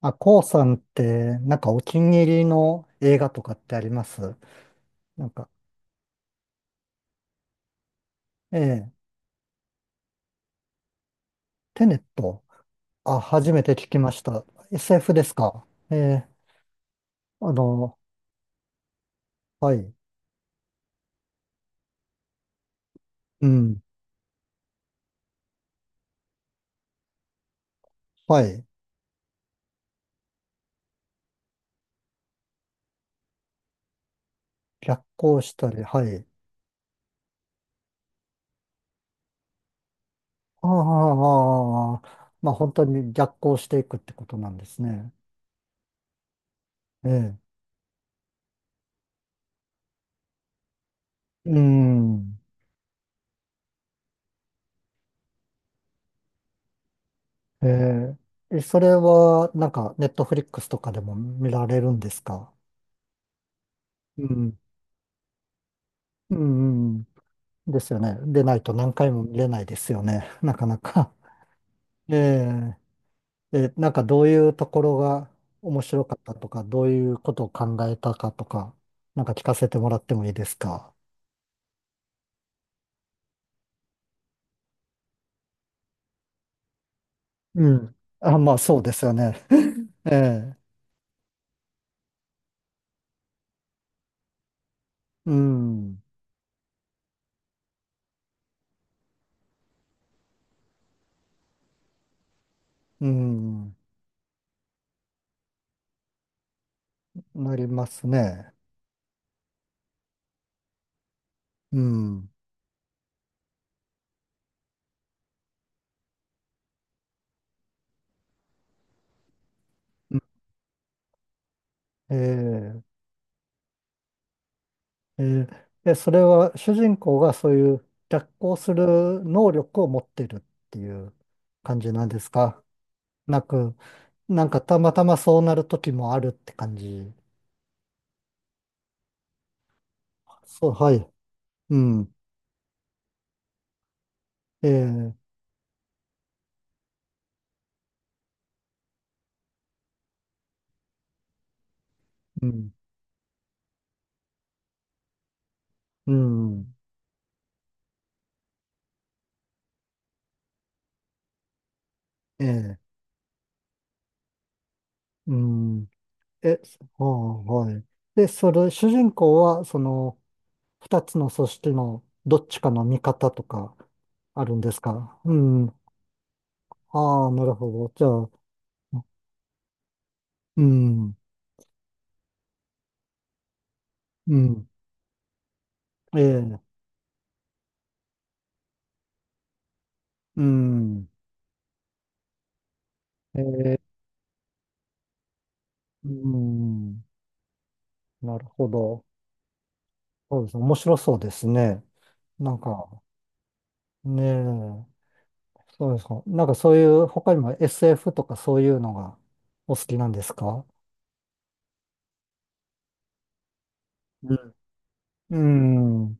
あ、こうさんって、なんかお気に入りの映画とかってあります？なんか、ええ、テネット。あ、初めて聞きました。SF ですか？ええ、あの、はい、うん、はい。逆行したり、はい。ああ、まあ本当に逆行していくってことなんですね。ええ、うん、ええ、それはなんかネットフリックスとかでも見られるんですか？うん、うん、ですよね。でないと何回も見れないですよね。なかなか。えええ、なんかどういうところが面白かったとか、どういうことを考えたかとか、なんか聞かせてもらってもいいですか。うん。あ、まあそうですよね。ええ、うん、うん、なりますね。うん。ええ、ええ、でそれは主人公がそういう逆行する能力を持ってるっていう感じなんですか？なく、なんかたまたまそうなる時もあるって感じ。そう、はい。うん。ええ、うん。うん。ええ、うん。え、ああ、はい。で、それ、主人公は、二つの組織のどっちかの味方とか、あるんですか？うん。ああ、なるほど。じゃあ、うん。うん。ええ、うん。ええ、うん。なるほど。そうですね。面白そうですね。なんか、ねえ、そうですか。なんかそういう、他にも SF とかそういうのがお好きなんですか？うん。うん。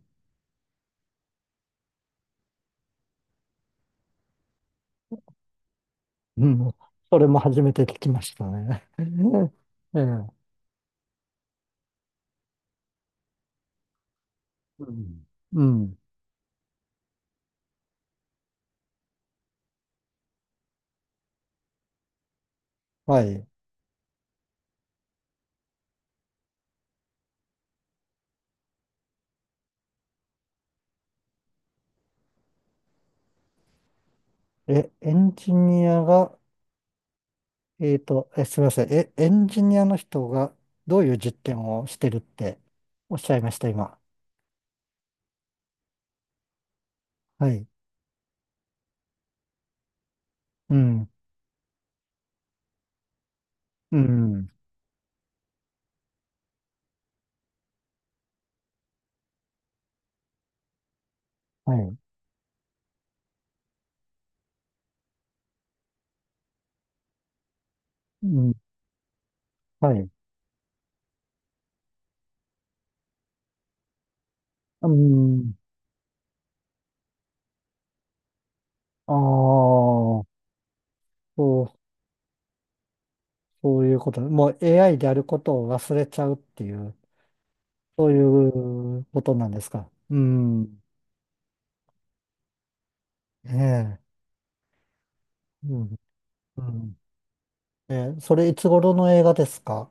うんそれも初めて聞きましたね。ええ。うん。うん。はい。え、エンジニアが、すみません。え、エンジニアの人がどういう実験をしてるっておっしゃいました、今。はい。うん。うん。はい。うん。はい。うん。ああ、そうそういうこと、もう AI であることを忘れちゃうっていう、そういうことなんですか。うん。ええ。うん。うん。ええ、それいつ頃の映画ですか？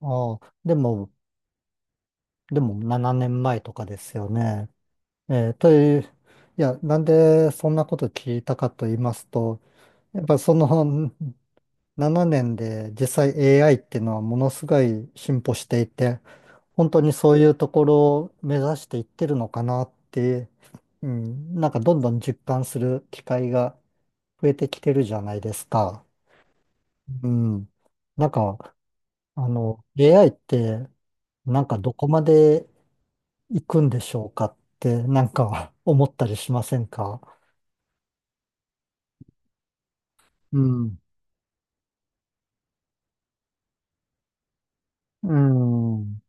ああ、でも、7年前とかですよね。ええ、という、いや、なんでそんなこと聞いたかと言いますと、やっぱその7年 で実際 AI っていうのはものすごい進歩していて、本当にそういうところを目指していってるのかなって、うん、なんかどんどん実感する機会が増えてきてるじゃないですか。うん。なんか、AI って、なんかどこまで行くんでしょうかって、なんか 思ったりしませんか？うん。うん。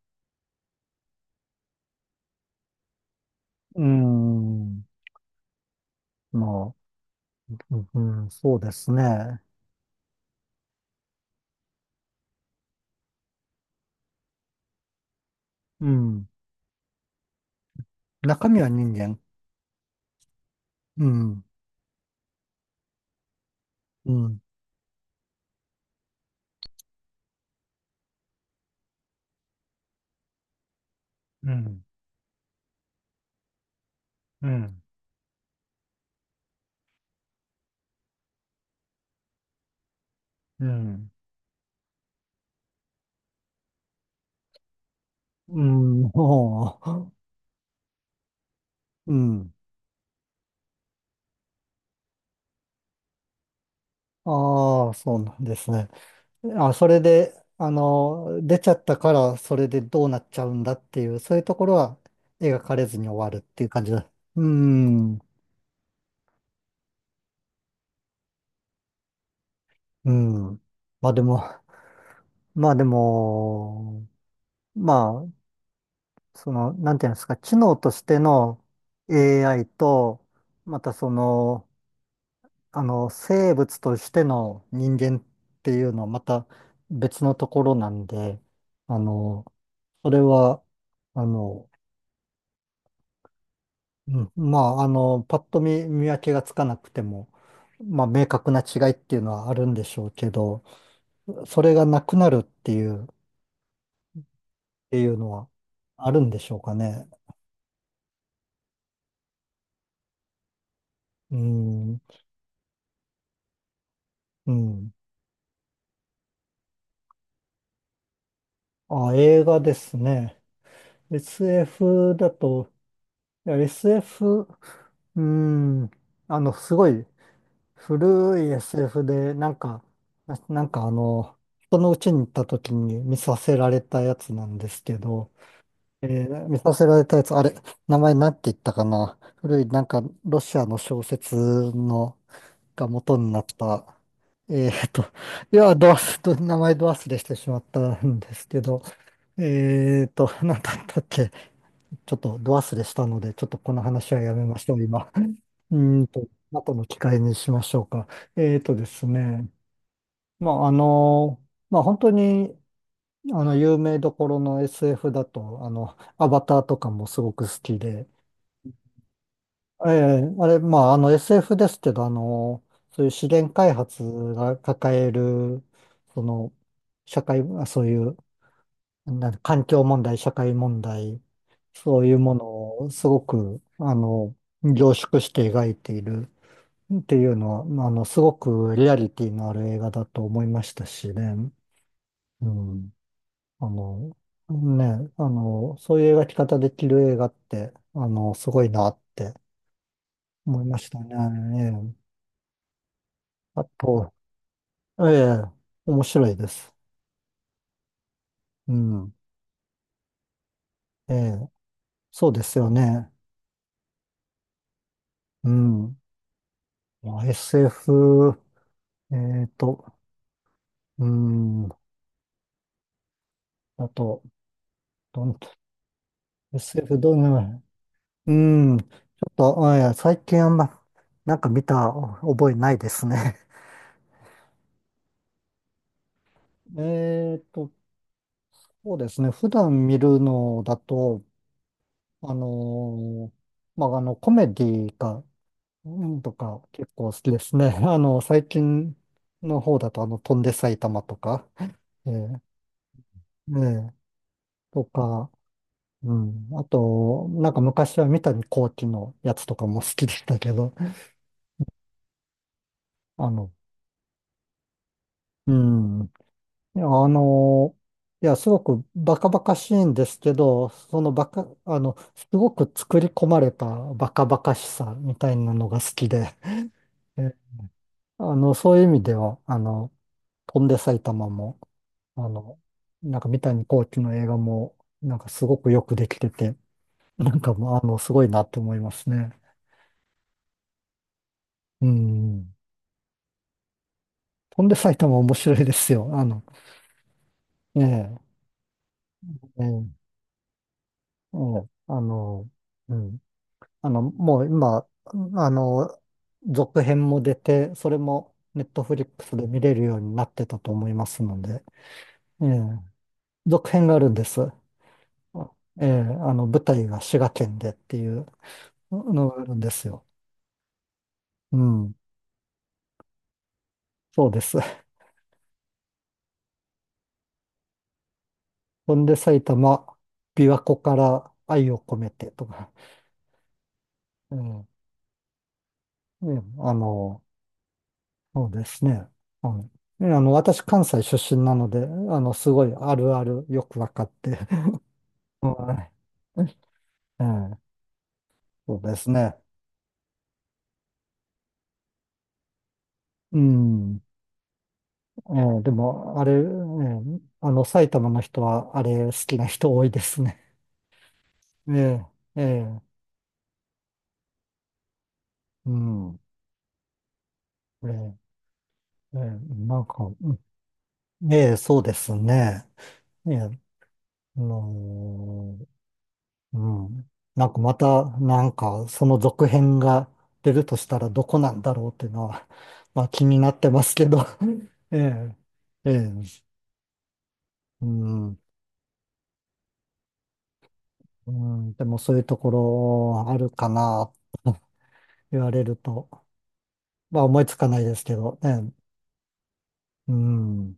うん。まあ、うん、そうですね。うん。中身は人間。うん。うん。うん。うん。うん。うん、もう、うん。ああ、そうなんですね。あ、それで、出ちゃったから、それでどうなっちゃうんだっていう、そういうところは描かれずに終わるっていう感じだ。うん、うん。まあでも、まあでも、まあ、なんていうんですか、知能としての AI と、またその、あの、生物としての人間っていうのはまた別のところなんで、あの、それは、あの、うん、パッと見、見分けがつかなくても、まあ、明確な違いっていうのはあるんでしょうけど、それがなくなるっていう、っていうのはあるんでしょうかね。うん、うん。あ、映画ですね。SF だと、いや SF、うん、あの、すごい、古い SF で、ななんかあの、人の家に行った時に見させられたやつなんですけど、見させられたやつ、あれ、名前なんて言ったかな古い、なんか、ロシアの小説の、が元になった、えーっと、いや、ドアス、名前ドアスでしてしまったんですけど、なんだったっけちょっとド忘れしたので、ちょっとこの話はやめましょう、今。うーんと、後の機会にしましょうか。えーとですね、まあ、あの、まあ、本当に、有名どころの SF だと、アバターとかもすごく好きで、ええあれ、SF ですけど、そういう資源開発が抱える、その、社会、あそういうなんか環境問題、社会問題、そういうものをすごく、凝縮して描いているっていうのは、すごくリアリティのある映画だと思いましたしね。うん。あの、そういう描き方できる映画って、すごいなって思いましたね。ええあと、ええ、面白いです。うん。ええ、そうですよね。うん。まあ SF、えっと、うん。あと、どん、SF どんな、うん。ちょっと、あいや、最近あんま、なんか見た覚えないですね。えっと、そうですね。普段見るのだと、あのーまあ、コメディが、うんとか結構好きですね。最近の方だと、飛んで埼玉とか、えーねとか、うん。あと、なんか昔は三谷幸喜のやつとかも好きでしたけど、あの、うん。あの、いや、すごくバカバカしいんですけど、そのバカ、あの、すごく作り込まれたバカバカしさみたいなのが好きで、えそういう意味では、飛んで埼玉も、あの、なんか三谷幸喜の映画も、なんかすごくよくできてて、なんかもう、あの、すごいなって思いますね。うん。飛んで埼玉面白いですよ。ええ、ええ、ええあの、うん。あの、もう今、あの、続編も出て、それもネットフリックスで見れるようになってたと思いますので、ええ、続編があるんです。ええ、舞台が滋賀県でっていうのがあるんですよ。うん、そうです。ほんで埼玉、琵琶湖から愛を込めてとか、ええ、ねあの、そうですね。はい私、関西出身なので、すごいあるあるよくわかって、うんええ、そうですね。うん。ええ、でも、あれ、ええ、埼玉の人は、あれ、好きな人多いですね。ええ、ええ、うん。ええ、ええ、うんええ、そうですね。ええ、あのーうん。なんかまた、なんか、その続編が出るとしたらどこなんだろうっていうのは、まあ気になってますけど。ええ、ええ、うん。うん、でもそういうところあるかな言われると、まあ思いつかないですけどね。うん。